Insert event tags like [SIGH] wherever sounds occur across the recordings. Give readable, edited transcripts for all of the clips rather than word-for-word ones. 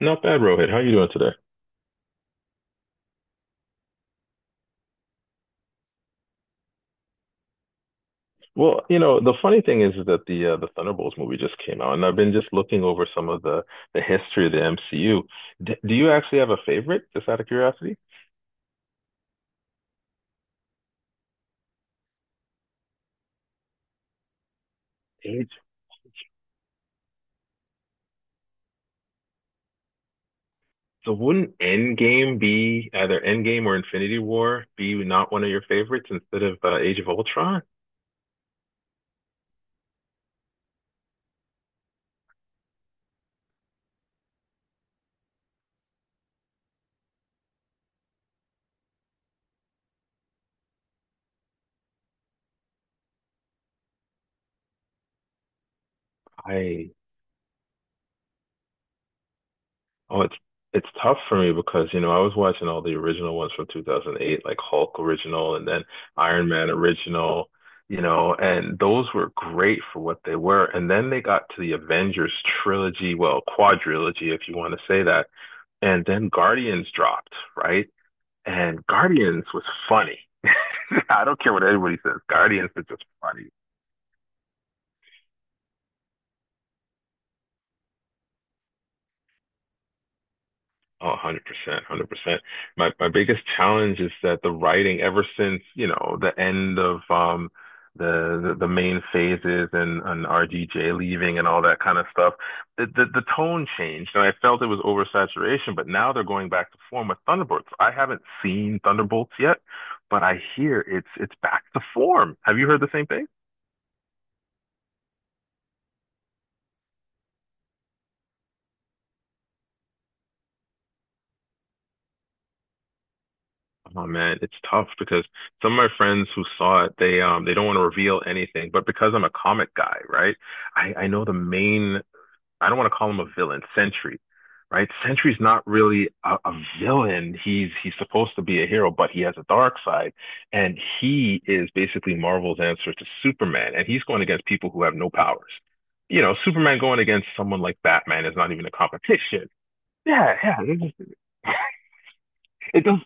Not bad, Rohit. How are you doing today? Well, you know, the funny thing is that the Thunderbolts movie just came out, and I've been just looking over some of the history of the MCU. Do you actually have a favorite, just out of curiosity? Age. So wouldn't Endgame be either Endgame or Infinity War be not one of your favorites instead of Age of Ultron? I oh, it's tough for me because, you know, I was watching all the original ones from 2008, like Hulk original and then Iron Man original, you know, and those were great for what they were. And then they got to the Avengers trilogy, well, quadrilogy, if you want to say that. And then Guardians dropped, right? And Guardians was funny. [LAUGHS] I don't care what anybody says. Guardians is just funny. Oh, 100%, 100%. My biggest challenge is that the writing, ever since, you know, the end of the main phases and, RDJ leaving and all that kind of stuff, the tone changed, and I felt it was oversaturation, but now they're going back to form with Thunderbolts. I haven't seen Thunderbolts yet, but I hear it's back to form. Have you heard the same thing? Oh man, it's tough because some of my friends who saw it, they don't want to reveal anything. But because I'm a comic guy, right? I know the main. I don't want to call him a villain, Sentry, right? Sentry's not really a villain. He's supposed to be a hero, but he has a dark side, and he is basically Marvel's answer to Superman. And he's going against people who have no powers. You know, Superman going against someone like Batman is not even a competition. Yeah, yeah. It, just, it does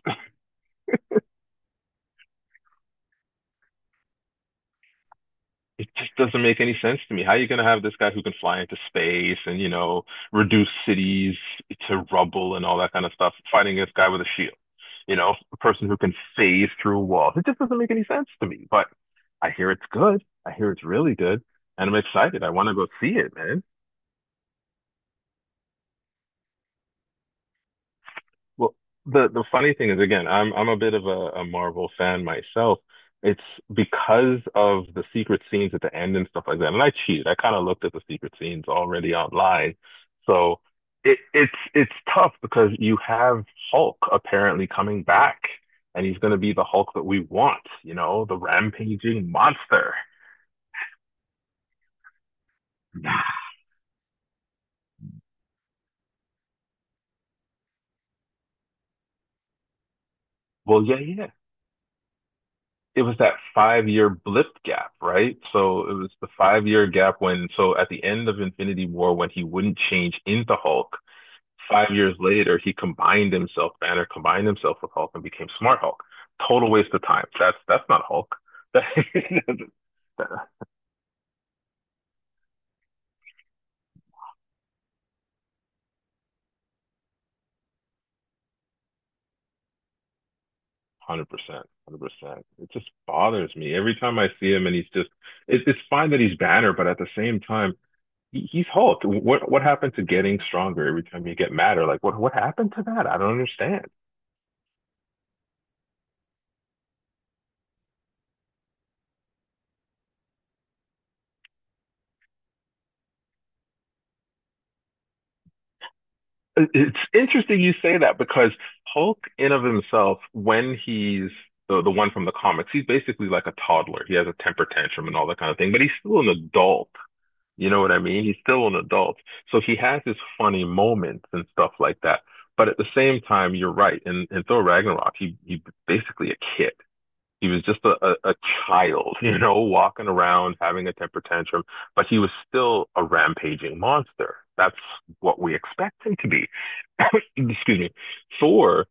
it just doesn't make any sense to me. How are you going to have this guy who can fly into space and, you know, reduce cities to rubble and all that kind of stuff fighting this guy with a shield? You know, a person who can phase through walls. It just doesn't make any sense to me. But I hear it's good. I hear it's really good. And I'm excited. I want to go see it, man. Well, the funny thing is, again, I'm a bit of a Marvel fan myself. It's because of the secret scenes at the end and stuff like that. And I cheated. I kind of looked at the secret scenes already online. So it's tough because you have Hulk apparently coming back, and he's going to be the Hulk that we want, you know, the rampaging monster. [SIGHS] Well, yeah, yeah, it was that 5 year blip gap, right? So it was the 5 year gap when, so at the end of Infinity War, when he wouldn't change into Hulk, 5 years later, he combined himself, Banner combined himself with Hulk and became Smart Hulk. Total waste of time. That's not Hulk. [LAUGHS] 100%, 100%. It just bothers me every time I see him, and he's just. It's fine that he's Banner, but at the same time, he's Hulk. What happened to getting stronger every time you get madder? Like what happened to that? I don't understand. It's interesting you say that because Hulk, in of himself, when he's the one from the comics, he's basically like a toddler. He has a temper tantrum and all that kind of thing, but he's still an adult. You know what I mean? He's still an adult. So he has his funny moments and stuff like that. But at the same time, you're right. In Thor Ragnarok, he basically a kid. He was just a child, you know, walking around, having a temper tantrum, but he was still a rampaging monster. That's what we expect him to be. [COUGHS] [LAUGHS] Excuse me. Thor,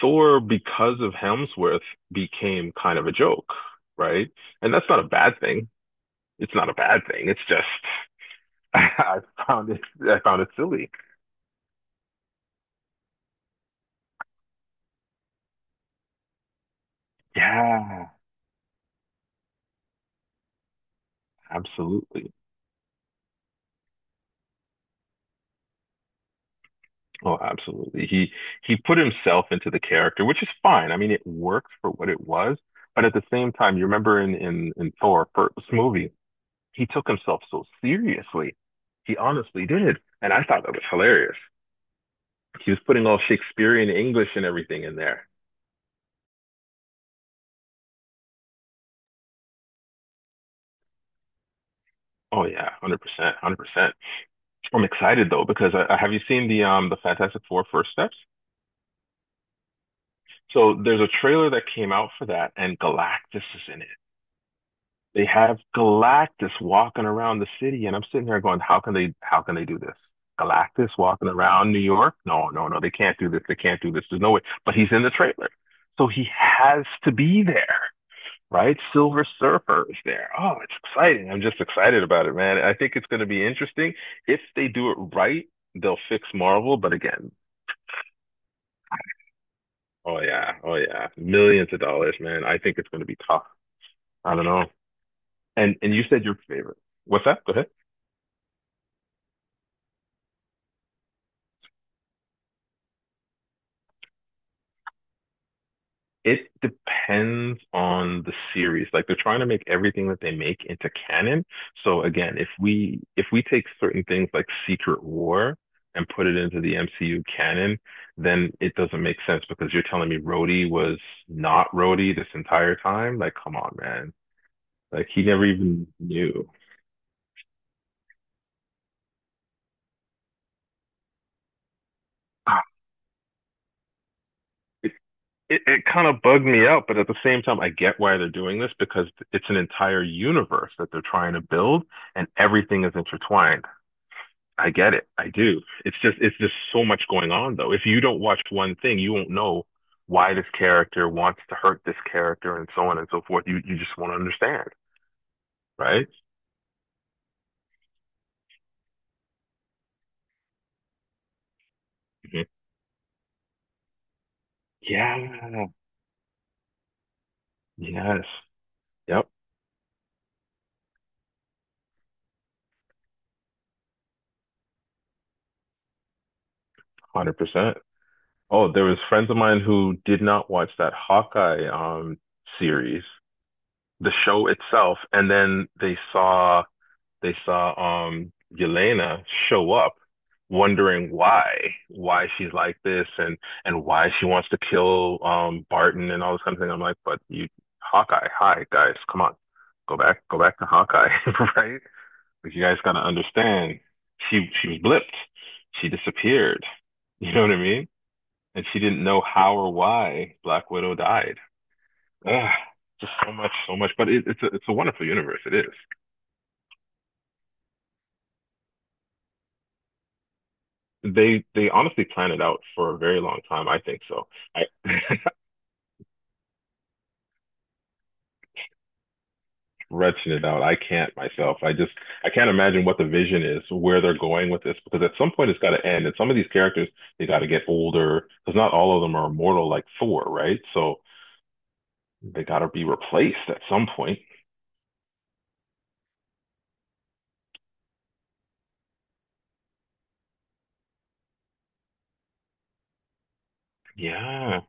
Thor, because of Hemsworth, became kind of a joke, right? And that's not a bad thing. It's not a bad thing. It's just [LAUGHS] I I found it silly. Yeah, absolutely. Oh, absolutely. He put himself into the character, which is fine. I mean, it worked for what it was, but at the same time, you remember in in Thor first movie, he took himself so seriously. He honestly did, and I thought that was hilarious. He was putting all Shakespearean English and everything in there. Oh yeah, 100%, 100%. I'm excited though because have you seen the Fantastic Four First Steps? So there's a trailer that came out for that, and Galactus is in it. They have Galactus walking around the city, and I'm sitting there going, "How can they? How can they do this? Galactus walking around New York? No, no, no. They can't do this. They can't do this. There's no way." But he's in the trailer, so he has to be there, right? Silver Surfer is there. Oh, it's exciting. I'm just excited about it, man. I think it's going to be interesting. If they do it right, they'll fix Marvel. But again, oh yeah, oh yeah, millions of dollars, man. I think it's going to be tough. I don't know. And you said your favorite. What's that? Go ahead. It depends on the series. Like they're trying to make everything that they make into canon. So again, if we take certain things like Secret War and put it into the MCU canon, then it doesn't make sense because you're telling me Rhodey was not Rhodey this entire time. Like, come on, man. Like he never even knew. [SIGHS] Ah, It, it kind of bugged me out, but at the same time, I get why they're doing this because it's an entire universe that they're trying to build and everything is intertwined. I get it. I do. It's just so much going on though. If you don't watch one thing, you won't know why this character wants to hurt this character and so on and so forth. You just won't understand, right? Mhm. Yeah. Yes. Yep. 100%. Oh, there was friends of mine who did not watch that Hawkeye series, the show itself, and then they saw Yelena show up wondering why she's like this and why she wants to kill Barton and all this kind of thing. I'm like, but you Hawkeye, hi guys, come on, go back to Hawkeye, [LAUGHS] right? Because you guys gotta understand, she was blipped, she disappeared, you know what I mean? And she didn't know how or why Black Widow died. Ugh, so much. But it's a wonderful universe. It is. They honestly plan it out for a very long time. I think so. I [LAUGHS] retching it out. I can't myself. I just I can't imagine what the vision is, where they're going with this, because at some point it's got to end. And some of these characters they got to get older, because not all of them are immortal like Thor, right? So they got to be replaced at some point. Yeah,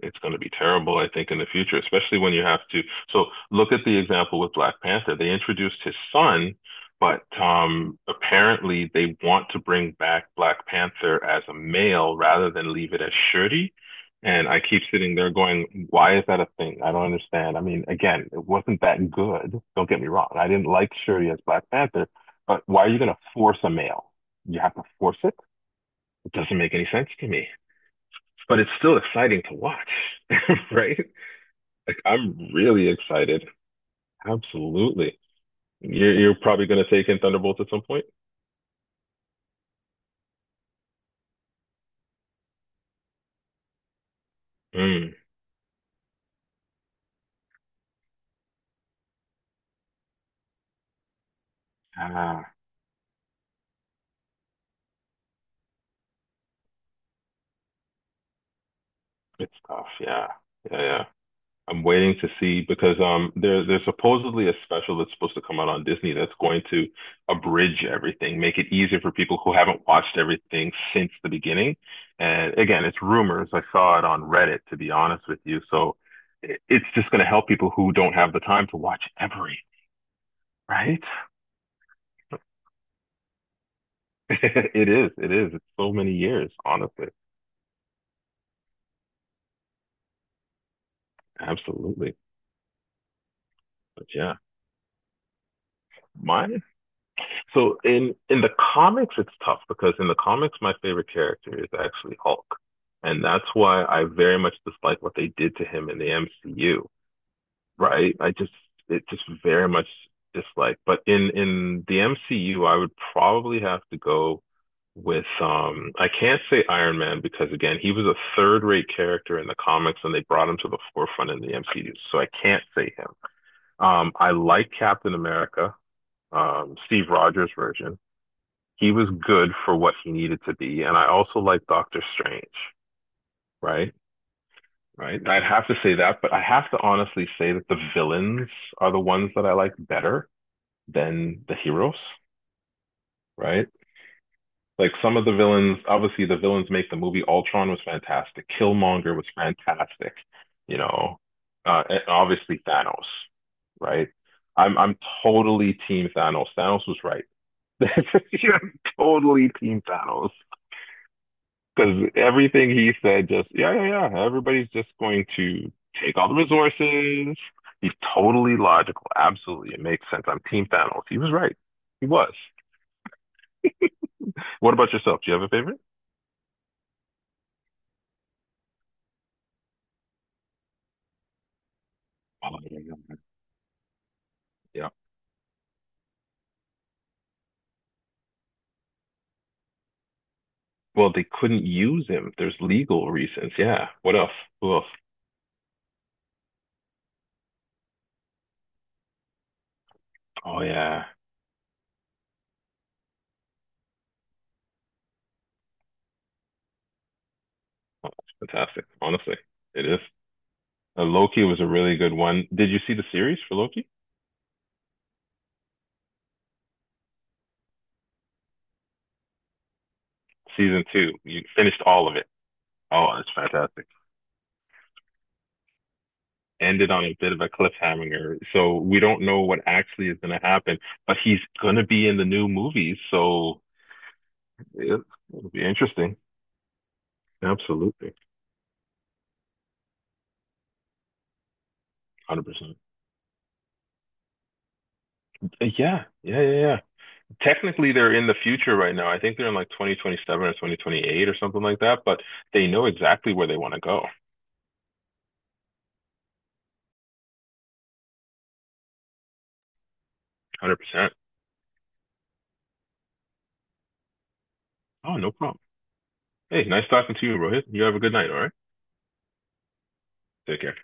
it's going to be terrible, I think, in the future, especially when you have to. So look at the example with Black Panther. They introduced his son, but apparently they want to bring back Black Panther as a male rather than leave it as Shuri. And I keep sitting there going, why is that a thing? I don't understand. I mean, again, it wasn't that good. Don't get me wrong. I didn't like Shuri as Black Panther, but why are you going to force a male? You have to force it? It doesn't make any sense to me, but it's still exciting to watch, [LAUGHS] right? Like I'm really excited. Absolutely. You're probably gonna take in Thunderbolts at some point. Mm. Ah, good stuff. Yeah. Yeah, yeah. I'm waiting to see because there's supposedly a special that's supposed to come out on Disney that's going to abridge everything, make it easier for people who haven't watched everything since the beginning. And again, it's rumors. I saw it on Reddit, to be honest with you. So it's just going to help people who don't have the time to watch every, right? [LAUGHS] It is. It is. It's so many years, honestly. Absolutely. But yeah, mine. So in the comics, it's tough because in the comics, my favorite character is actually Hulk, and that's why I very much dislike what they did to him in the MCU. Right? I just it just very much dislike. But in the MCU, I would probably have to go with I can't say Iron Man because again, he was a third-rate character in the comics and they brought him to the forefront in the MCU, so I can't say him. I like Captain America, Steve Rogers version. He was good for what he needed to be, and I also like Doctor Strange, right? Right? I'd have to say that, but I have to honestly say that the villains are the ones that I like better than the heroes, right? Like some of the villains, obviously the villains make the movie. Ultron was fantastic. Killmonger was fantastic, you know, and obviously Thanos, right? I'm totally team Thanos. Thanos was right. [LAUGHS] Yeah, I'm totally team Thanos. Because everything he said, just yeah, yeah, yeah. Everybody's just going to take all the resources. He's totally logical. Absolutely, it makes sense. I'm Team Thanos. He was right. He was. What about yourself? Do you have a favorite? Oh, yeah, yeah, yeah. Yeah. Well, they couldn't use him. There's legal reasons. Yeah. What else? Who else? Oh yeah. Oh, that's fantastic. Honestly, it is. Loki was a really good one. Did you see the series for Loki? Season two. You finished all of it. Oh, that's fantastic. Ended on a bit of a cliffhanger. So we don't know what actually is going to happen, but he's going to be in the new movies. So it, it'll be interesting. Absolutely. 100%. Yeah. Yeah. Yeah. Yeah. Technically, they're in the future right now. I think they're in like 2027 or 2028 or something like that, but they know exactly where they want to go. 100%. Oh, no problem. Hey, nice talking to you, Rohit. You have a good night. All right. Take care.